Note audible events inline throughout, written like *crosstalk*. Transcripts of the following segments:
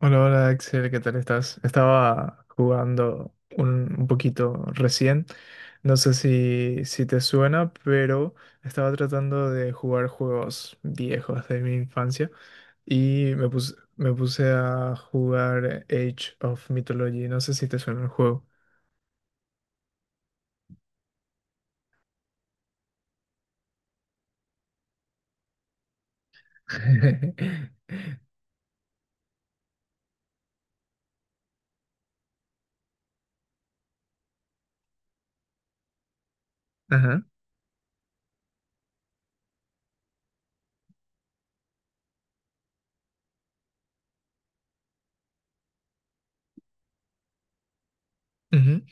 Hola, hola Axel, ¿qué tal estás? Estaba jugando un poquito recién, no sé si te suena, pero estaba tratando de jugar juegos viejos de mi infancia y me puse a jugar Age of Mythology, no sé si te suena el juego. *laughs* Ajá. Ujú.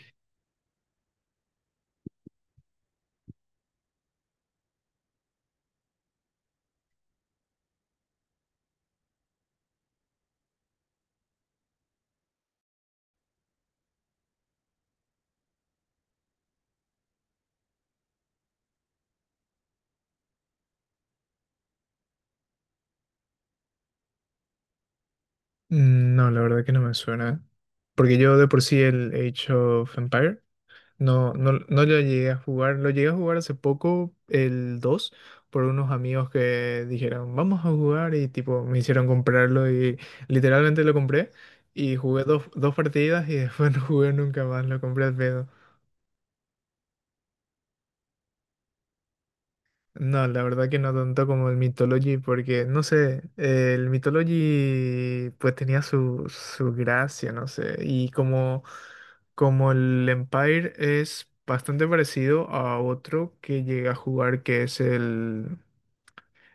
No, la verdad que no me suena, porque yo de por sí el Age of Empire no lo llegué a jugar. Lo llegué a jugar hace poco, el 2 por unos amigos que dijeron, vamos a jugar y tipo me hicieron comprarlo y literalmente lo compré y jugué dos partidas y después *laughs* no jugué nunca más, lo compré al pedo. No, la verdad que no tanto como el Mythology, porque no sé, el Mythology pues tenía su gracia, no sé, y como, como el Empire es bastante parecido a otro que llegué a jugar que es el,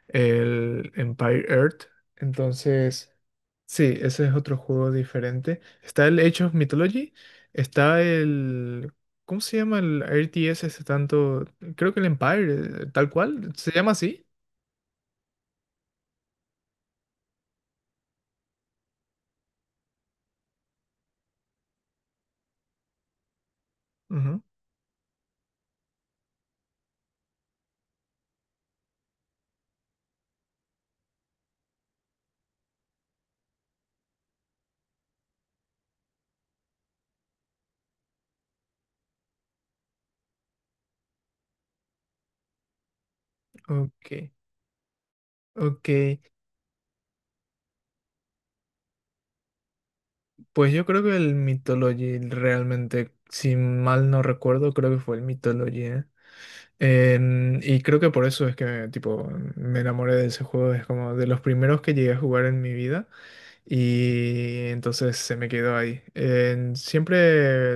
el Empire Earth, entonces sí, ese es otro juego diferente. Está el Age of Mythology, está el... ¿Cómo se llama el RTS ese tanto? Creo que el Empire, tal cual, se llama así. Ujú. Ok, ok. Pues yo creo que el Mythology realmente, si mal no recuerdo, creo que fue el Mythology, ¿eh? Y creo que por eso es que tipo me enamoré de ese juego. Es como de los primeros que llegué a jugar en mi vida. Y entonces se me quedó ahí. Siempre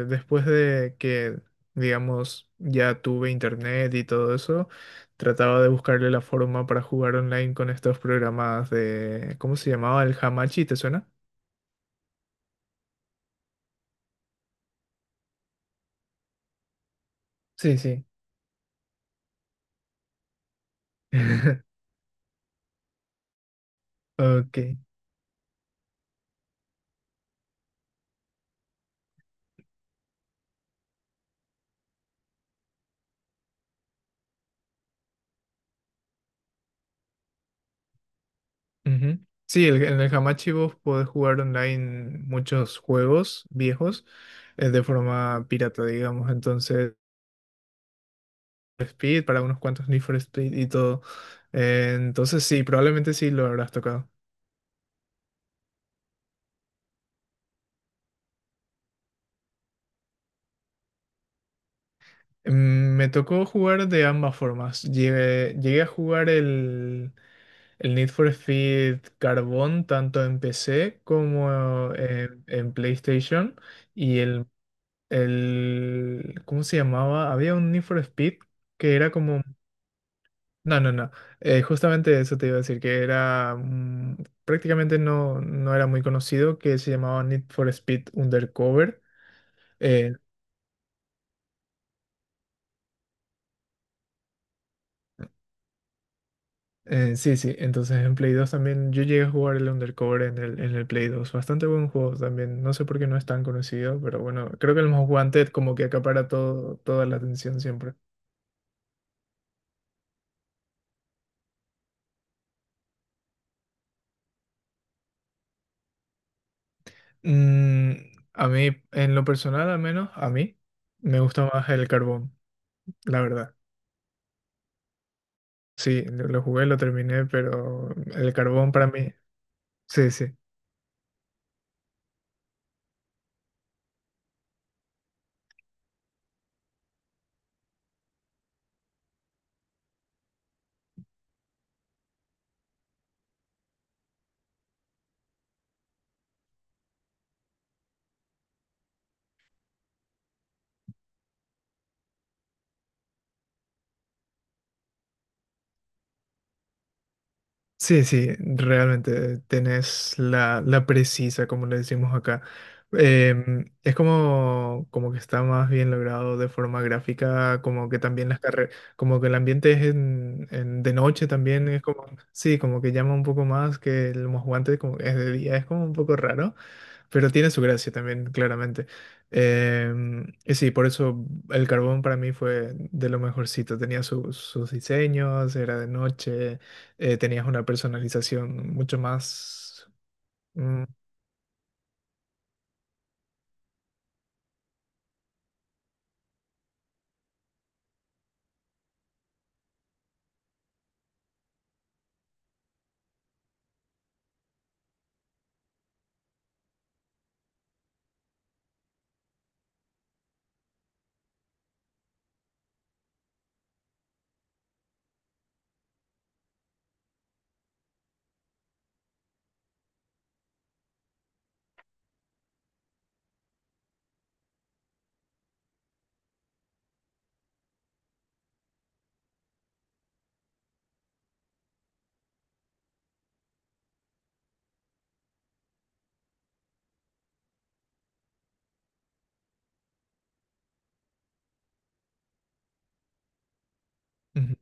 después de que, digamos, ya tuve internet y todo eso, trataba de buscarle la forma para jugar online con estos programas de, ¿cómo se llamaba? El Hamachi, ¿te suena? Sí, sí. *laughs* Ok. Ujú. Sí, en el Hamachi vos podés jugar online muchos juegos viejos de forma pirata, digamos. Entonces... Speed, para unos cuantos Need for Speed y todo. Entonces sí, probablemente sí lo habrás tocado. Me tocó jugar de ambas formas. Llegué a jugar el Need for Speed Carbon tanto en PC como en PlayStation. Y ¿cómo se llamaba? Había un Need for Speed que era como no. Justamente eso te iba a decir, que era prácticamente no era muy conocido, que se llamaba Need for Speed Undercover. Eh, sí, sí, entonces en Play 2 también yo llegué a jugar el Undercover en en el Play 2. Bastante buen juego también. No sé por qué no es tan conocido, pero bueno, creo que el Most Wanted como que acapara todo, toda la atención siempre. Mm, a mí, en lo personal al menos, a mí me gusta más el carbón, la verdad. Sí, lo jugué, lo terminé, pero el carbón para mí, sí, sí. Sí, sí, realmente tenés la precisa, como le decimos acá. Es como, como que está más bien logrado de forma gráfica, como que también las carreras, como que el ambiente es de noche también, es como, sí, como que llama un poco más que el guantes como que es de día, es como un poco raro, pero tiene su gracia también, claramente. Y sí, por eso el carbón para mí fue de lo mejorcito, tenía sus sus diseños, era de noche tenías una personalización mucho más... Mm. Ujú.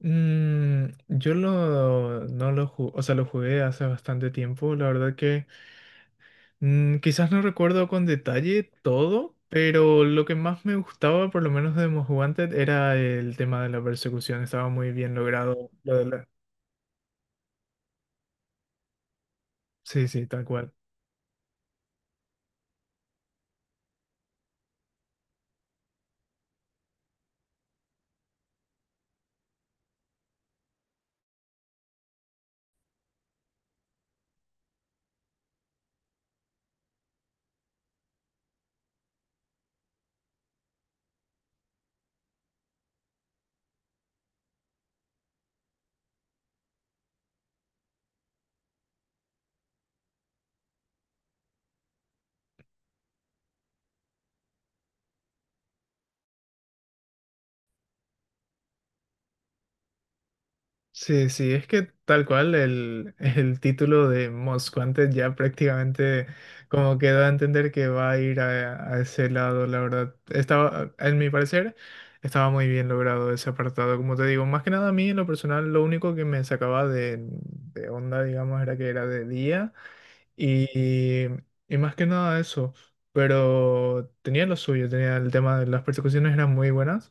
Yo lo, no lo o sea, lo jugué hace bastante tiempo. La verdad que quizás no recuerdo con detalle todo, pero lo que más me gustaba, por lo menos de Most Wanted, era el tema de la persecución. Estaba muy bien logrado. Lo de la... Sí, sí, tal cual. Sí, sí, es que tal cual el título de Most Wanted ya prácticamente como que da a entender que va a ir a ese lado, la verdad. Estaba, en mi parecer, estaba muy bien logrado ese apartado. Como te digo, más que nada a mí en lo personal, lo único que me sacaba de onda, digamos, era que era de día y, y más que nada eso. Pero tenía lo suyo, tenía el tema de las persecuciones, eran muy buenas.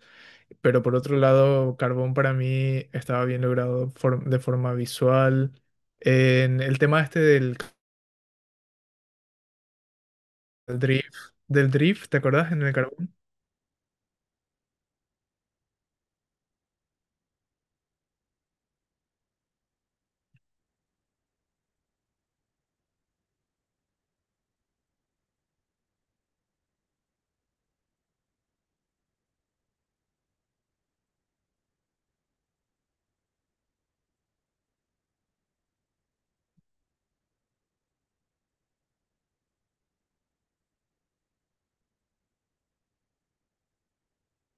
Pero por otro lado, Carbón para mí estaba bien logrado de forma visual. En el tema este drift, del drift, ¿te acordás? En el Carbón.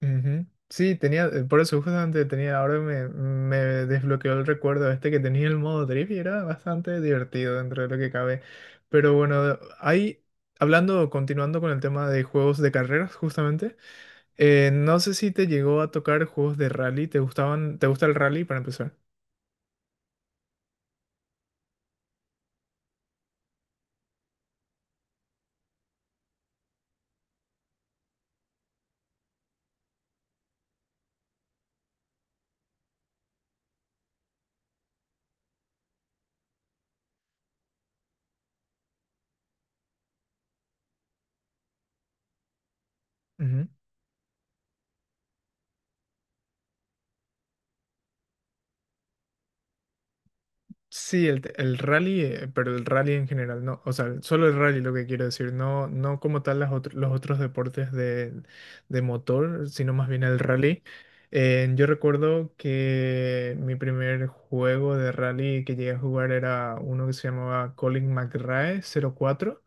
Ujú. Sí, tenía, por eso justamente tenía, ahora me desbloqueó el recuerdo este que tenía el modo drift y era bastante divertido dentro de lo que cabe. Pero bueno, ahí, hablando, continuando con el tema de juegos de carreras, justamente, no sé si te llegó a tocar juegos de rally, ¿te gustaban, te gusta el rally para empezar? Sí, el rally, pero el rally en general, no, o sea, solo el rally lo que quiero decir, no, no como tal los otros deportes de motor, sino más bien el rally. Yo recuerdo que mi primer juego de rally que llegué a jugar era uno que se llamaba Colin McRae 04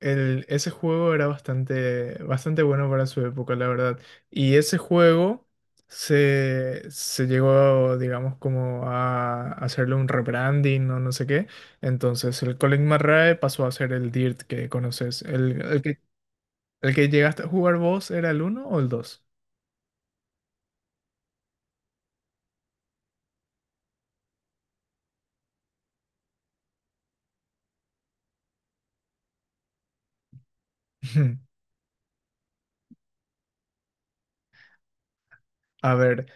ese juego era bastante, bastante bueno para su época, la verdad. Y ese juego se llegó, digamos, como a hacerle un rebranding o no sé qué. Entonces el Colin McRae pasó a ser el Dirt que conoces. El que llegaste a jugar vos era el uno o el dos? *laughs* A ver.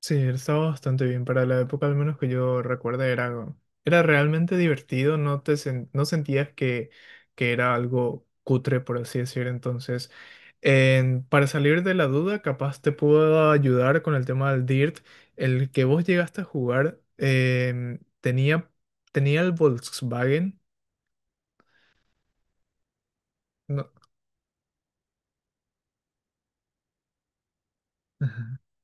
Sí, él estaba bastante bien. Para la época, al menos que yo recuerdo, era, era realmente divertido. No te no sentías que era algo cutre, por así decir. Entonces, para salir de la duda, capaz te puedo ayudar con el tema del DIRT. El que vos llegaste a jugar tenía, tenía el Volkswagen. No. *laughs*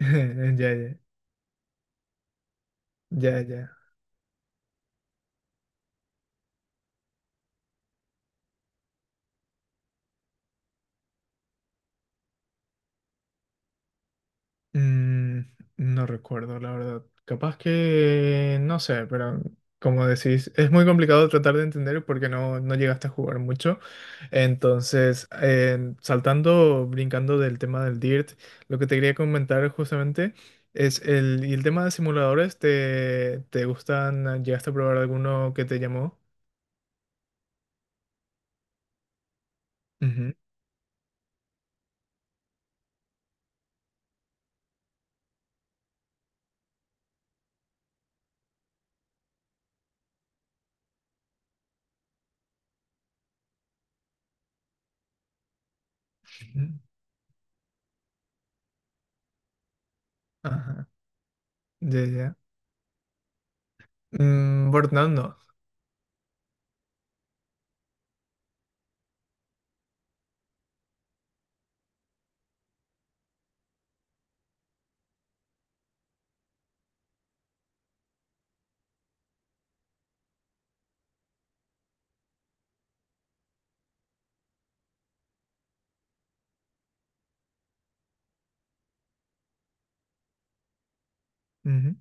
Ya, ya, ya, ya. Mm, no recuerdo, la verdad. Capaz que, no sé, pero como decís, es muy complicado tratar de entender porque no, no llegaste a jugar mucho. Entonces, saltando, brincando del tema del DIRT, lo que te quería comentar justamente es el tema de simuladores, ¿te, te gustan? ¿Llegaste a probar alguno que te llamó? Ujú, ujú. Ajá, ya, ya. Burnout no.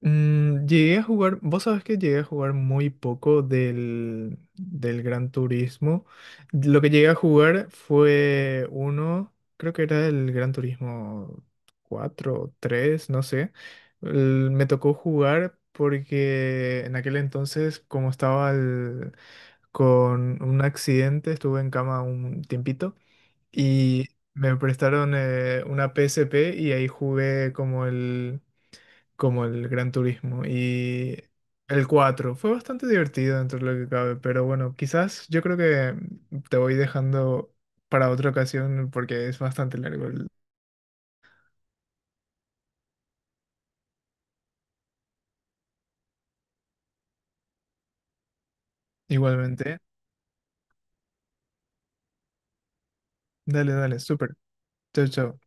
Llegué a jugar, vos sabés que llegué a jugar muy poco del Gran Turismo. Lo que llegué a jugar fue uno, creo que era el Gran Turismo 4 o 3, no sé. Me tocó jugar porque en aquel entonces, como estaba con un accidente, estuve en cama un tiempito y me prestaron una PSP y ahí jugué como el Gran Turismo. Y el 4 fue bastante divertido dentro de lo que cabe, pero bueno, quizás yo creo que te voy dejando para otra ocasión porque es bastante largo. El- Igualmente, dale, dale, súper. Chao, chao.